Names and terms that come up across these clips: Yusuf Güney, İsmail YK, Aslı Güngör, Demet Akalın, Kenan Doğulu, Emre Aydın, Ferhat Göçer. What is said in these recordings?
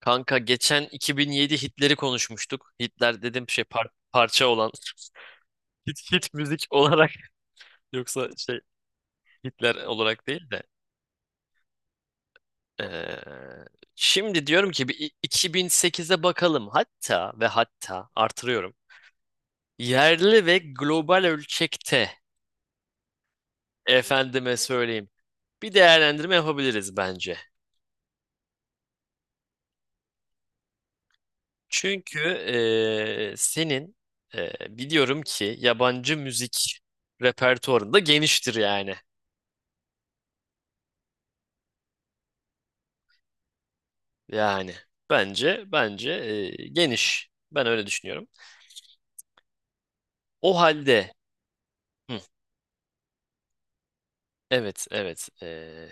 Kanka geçen 2007 Hitler'i konuşmuştuk. Hitler dedim şey parça olan. Hit müzik olarak, yoksa şey Hitler olarak değil de. Ee, şimdi diyorum ki 2008'e bakalım. Hatta ve hatta artırıyorum. Yerli ve global ölçekte efendime söyleyeyim. Bir değerlendirme yapabiliriz bence. Çünkü senin ee, biliyorum ki yabancı müzik repertuarında geniştir yani. Yani bence geniş. Ben öyle düşünüyorum. O halde. Hı, evet, evet. e,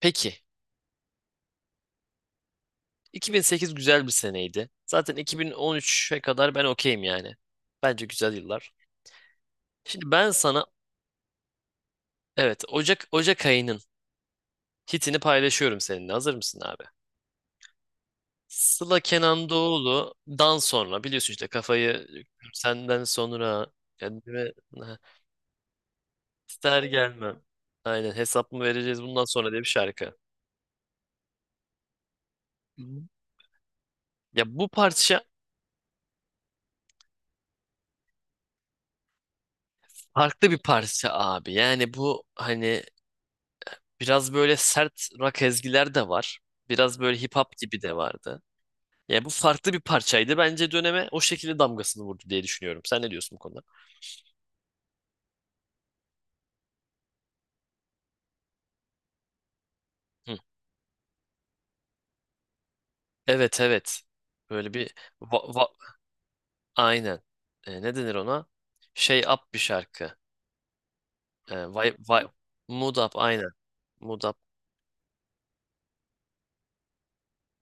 peki 2008 güzel bir seneydi. Zaten 2013'e kadar ben okeyim yani. Bence güzel yıllar. Şimdi ben sana, evet, Ocak ayının hitini paylaşıyorum seninle. Hazır mısın abi? Sıla Kenan Doğulu'dan sonra biliyorsun işte kafayı senden sonra kendime ha, ister gelmem. Aynen, hesap mı vereceğiz bundan sonra diye bir şarkı. Ya bu parça farklı bir parça abi. Yani bu hani biraz böyle sert rock ezgiler de var. Biraz böyle hip hop gibi de vardı. Ya bu farklı bir parçaydı. Bence döneme o şekilde damgasını vurdu diye düşünüyorum. Sen ne diyorsun bu konuda? Hı. Evet, evet. Böyle bir va- va- aynen. Ne denir ona? Şey up bir şarkı. E, vay, vay, mood up aynen. Mood up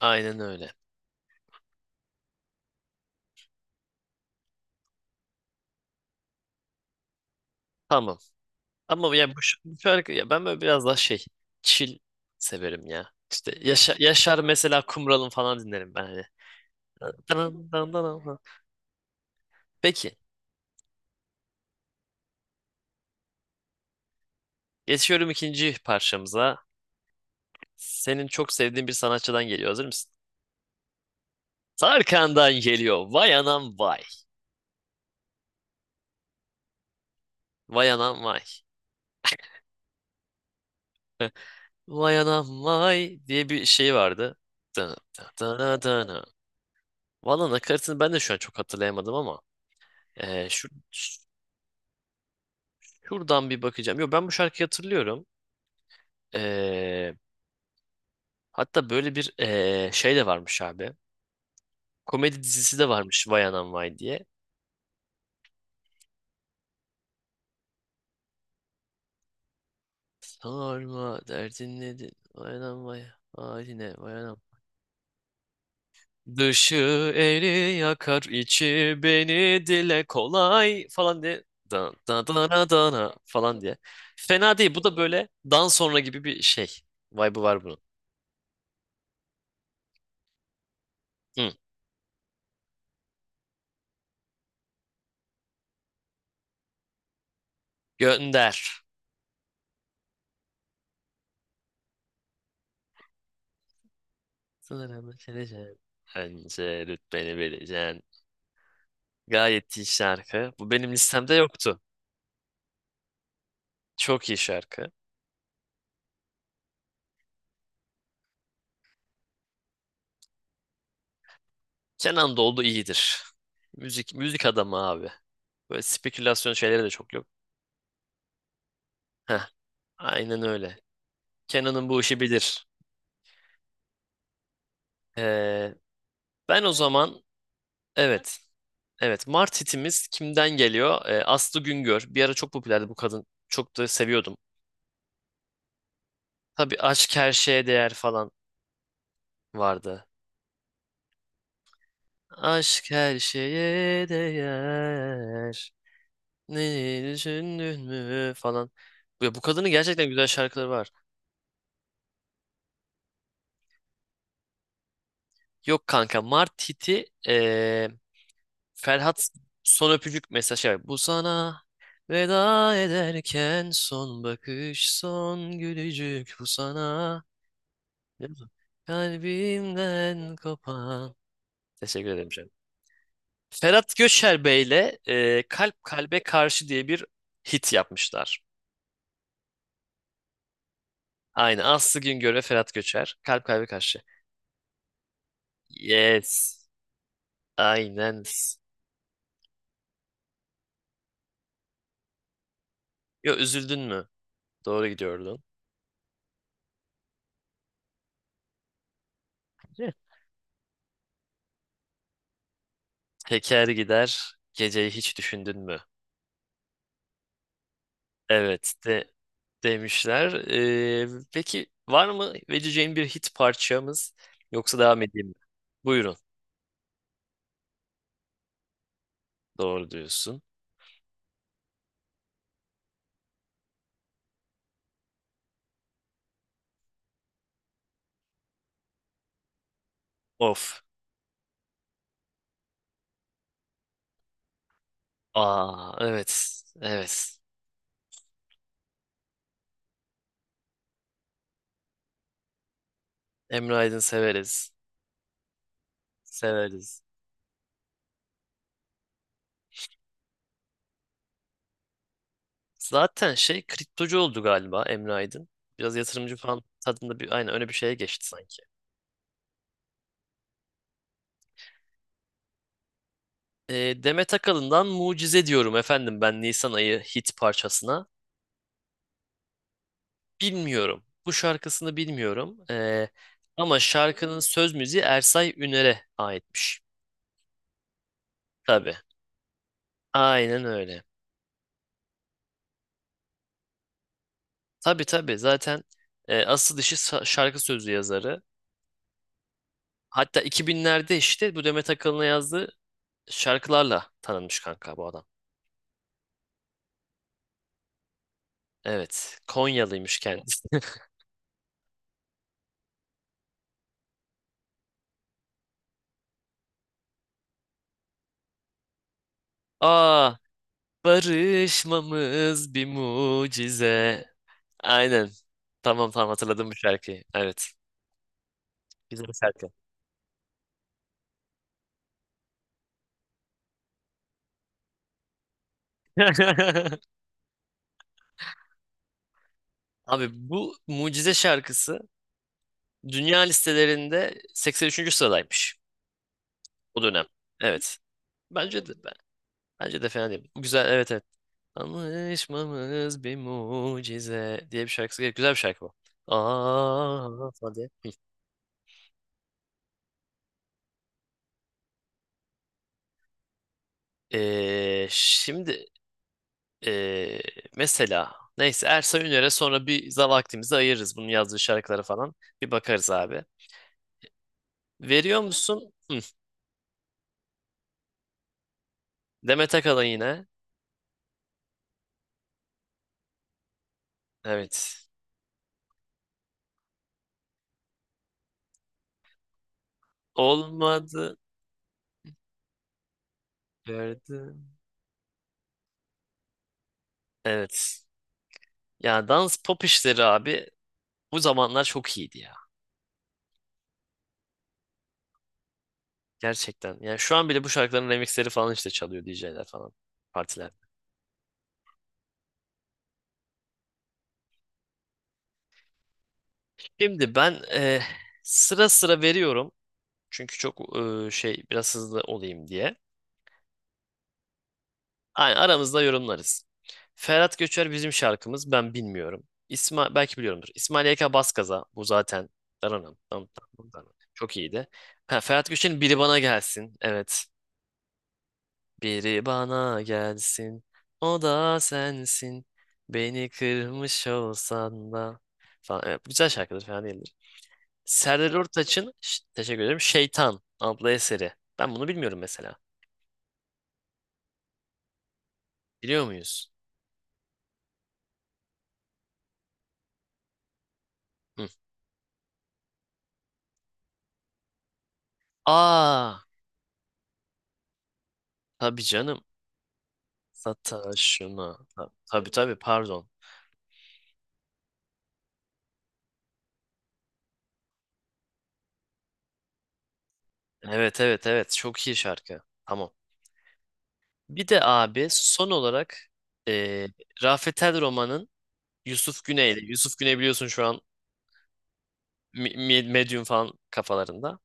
aynen öyle. Tamam. Ama ya bu şarkı ya ben böyle biraz daha şey chill severim ya. İşte Yaşar mesela Kumral'ın falan dinlerim ben hani. Dın dın dın dın. Peki, geçiyorum ikinci parçamıza. Senin çok sevdiğin bir sanatçıdan geliyor. Hazır mısın? Tarkan'dan geliyor. Vay anam vay. Vay anam vay. Vay anam vay diye bir şey vardı. Dın dın dın dın dın. Valla nakaratını ben de şu an çok hatırlayamadım ama eee, şu, şuradan bir bakacağım. Yo, ben bu şarkıyı hatırlıyorum. Ee, hatta böyle bir şey de varmış abi. Komedi dizisi de varmış Vay Anam Vay diye. Sorma derdin nedir? Vay Anam Vay. Haline Vay Anam. Dışı eli yakar içi beni dile kolay falan diye. Dan da, da, da, falan diye. Fena değil. Bu da böyle dan sonra gibi bir şey. Vibe'ı var bunun. Hı. Gönder. Sana ben vereceğim. Bence rütbeni vereceksin. Gayet iyi şarkı. Bu benim listemde yoktu. Çok iyi şarkı. Kenan Doğulu iyidir. Müzik müzik adamı abi. Böyle spekülasyon şeyleri de çok yok. Heh, aynen öyle. Kenan'ın bu işi bilir. Ee, ben o zaman, evet. Evet, Mart hitimiz kimden geliyor? Aslı Güngör. Bir ara çok popülerdi bu kadın. Çok da seviyordum. Tabii aşk her şeye değer falan vardı. Aşk her şeye değer. Ne düşündün mü falan. Ya bu kadının gerçekten güzel şarkıları var. Yok kanka, Mart hiti Ferhat son öpücük mesajı var. Bu sana veda ederken son bakış son gülücük bu sana kalbimden kopan. Teşekkür ederim canım. Ferhat Göçer Bey'le Kalp Kalbe Karşı diye bir hit yapmışlar. Aynı Aslı Güngör ve Ferhat Göçer. Kalp Kalbe Karşı. Yes. Aynen. Yo, üzüldün mü? Doğru gidiyordun. Teker gider, geceyi hiç düşündün mü? Evet de demişler. Peki, var mı vereceğin bir hit parçamız yoksa devam edeyim mi? Buyurun. Doğru diyorsun. Of. Aa, evet. Evet. Emre Aydın severiz. Severiz. Zaten şey kriptocu oldu galiba Emre Aydın. Biraz yatırımcı falan tadında bir, aynen öyle, bir şeye geçti sanki. Demet Akalın'dan Mucize diyorum efendim ben Nisan ayı hit parçasına. Bilmiyorum. Bu şarkısını bilmiyorum. Ama şarkının söz müziği Ersay Üner'e aitmiş. Tabii. Aynen öyle. Tabii, tabii. Zaten asıl işi şarkı sözü yazarı. Hatta 2000'lerde işte bu Demet Akalın'a yazdığı şarkılarla tanınmış kanka bu adam. Evet. Konyalıymış kendisi. Aa, barışmamız bir mucize. Aynen. Tamam, tamam, hatırladım bu şarkıyı. Evet. Güzel şarkı. Abi bu Mucize şarkısı dünya listelerinde 83. sıradaymış o dönem. Evet. Bence de bence de fena değil. Bu güzel, evet, evet. Anlaşmamız bir mucize diye bir şarkısı. Güzel bir şarkı bu. Aa, hadi. Şimdi ee, mesela neyse Ersa Üner'e sonra bir vaktimizi ayırırız bunun yazdığı şarkılara falan. Bir bakarız abi. Veriyor tamam musun? Hı. Demet Akalın yine. Evet. Olmadı. Gördü. Evet. Ya dans pop işleri abi bu zamanlar çok iyiydi ya. Gerçekten. Yani şu an bile bu şarkıların remixleri falan işte çalıyor DJ'ler falan. Partiler. Şimdi ben sıra sıra veriyorum. Çünkü çok şey biraz hızlı olayım diye. Aynen, aramızda yorumlarız. Ferhat Göçer bizim şarkımız. Ben bilmiyorum. İsmail belki biliyorumdur. İsmail YK Baskaza bu zaten. Dananam, dananam, dananam. Çok iyiydi. Ha, Ferhat Göçer'in Biri Bana Gelsin. Evet. Biri bana gelsin, o da sensin. Beni kırmış olsan da falan. Evet, güzel şarkıdır, fena değildir. Serdar Ortaç'ın, teşekkür ederim, Şeytan adlı eseri. Ben bunu bilmiyorum mesela. Biliyor muyuz? Hı. Aa, tabii canım. Sataşına. Tabii, tabii, pardon. Evet, evet, evet, çok iyi şarkı. Tamam. Bir de abi son olarak eee Rafet El Roman'ın Yusuf Güney'le. Yusuf Güney biliyorsun şu an medium falan kafalarında.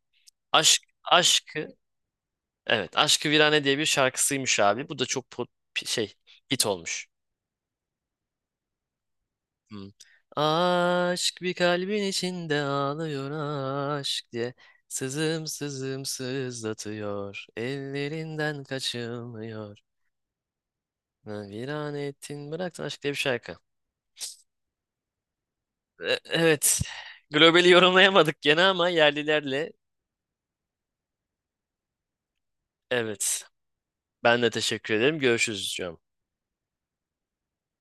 Aşkı, evet, aşkı virane diye bir şarkısıymış abi. Bu da çok şey hit olmuş. Hmm. Aşk bir kalbin içinde ağlıyor aşk diye. Sızım sızım sızlatıyor. Ellerinden kaçılmıyor. Ha, Virane ettin bıraktın aşk diye bir şarkı. Evet. Globali yorumlayamadık gene ama yerlilerle evet. Ben de teşekkür ederim. Görüşürüz canım.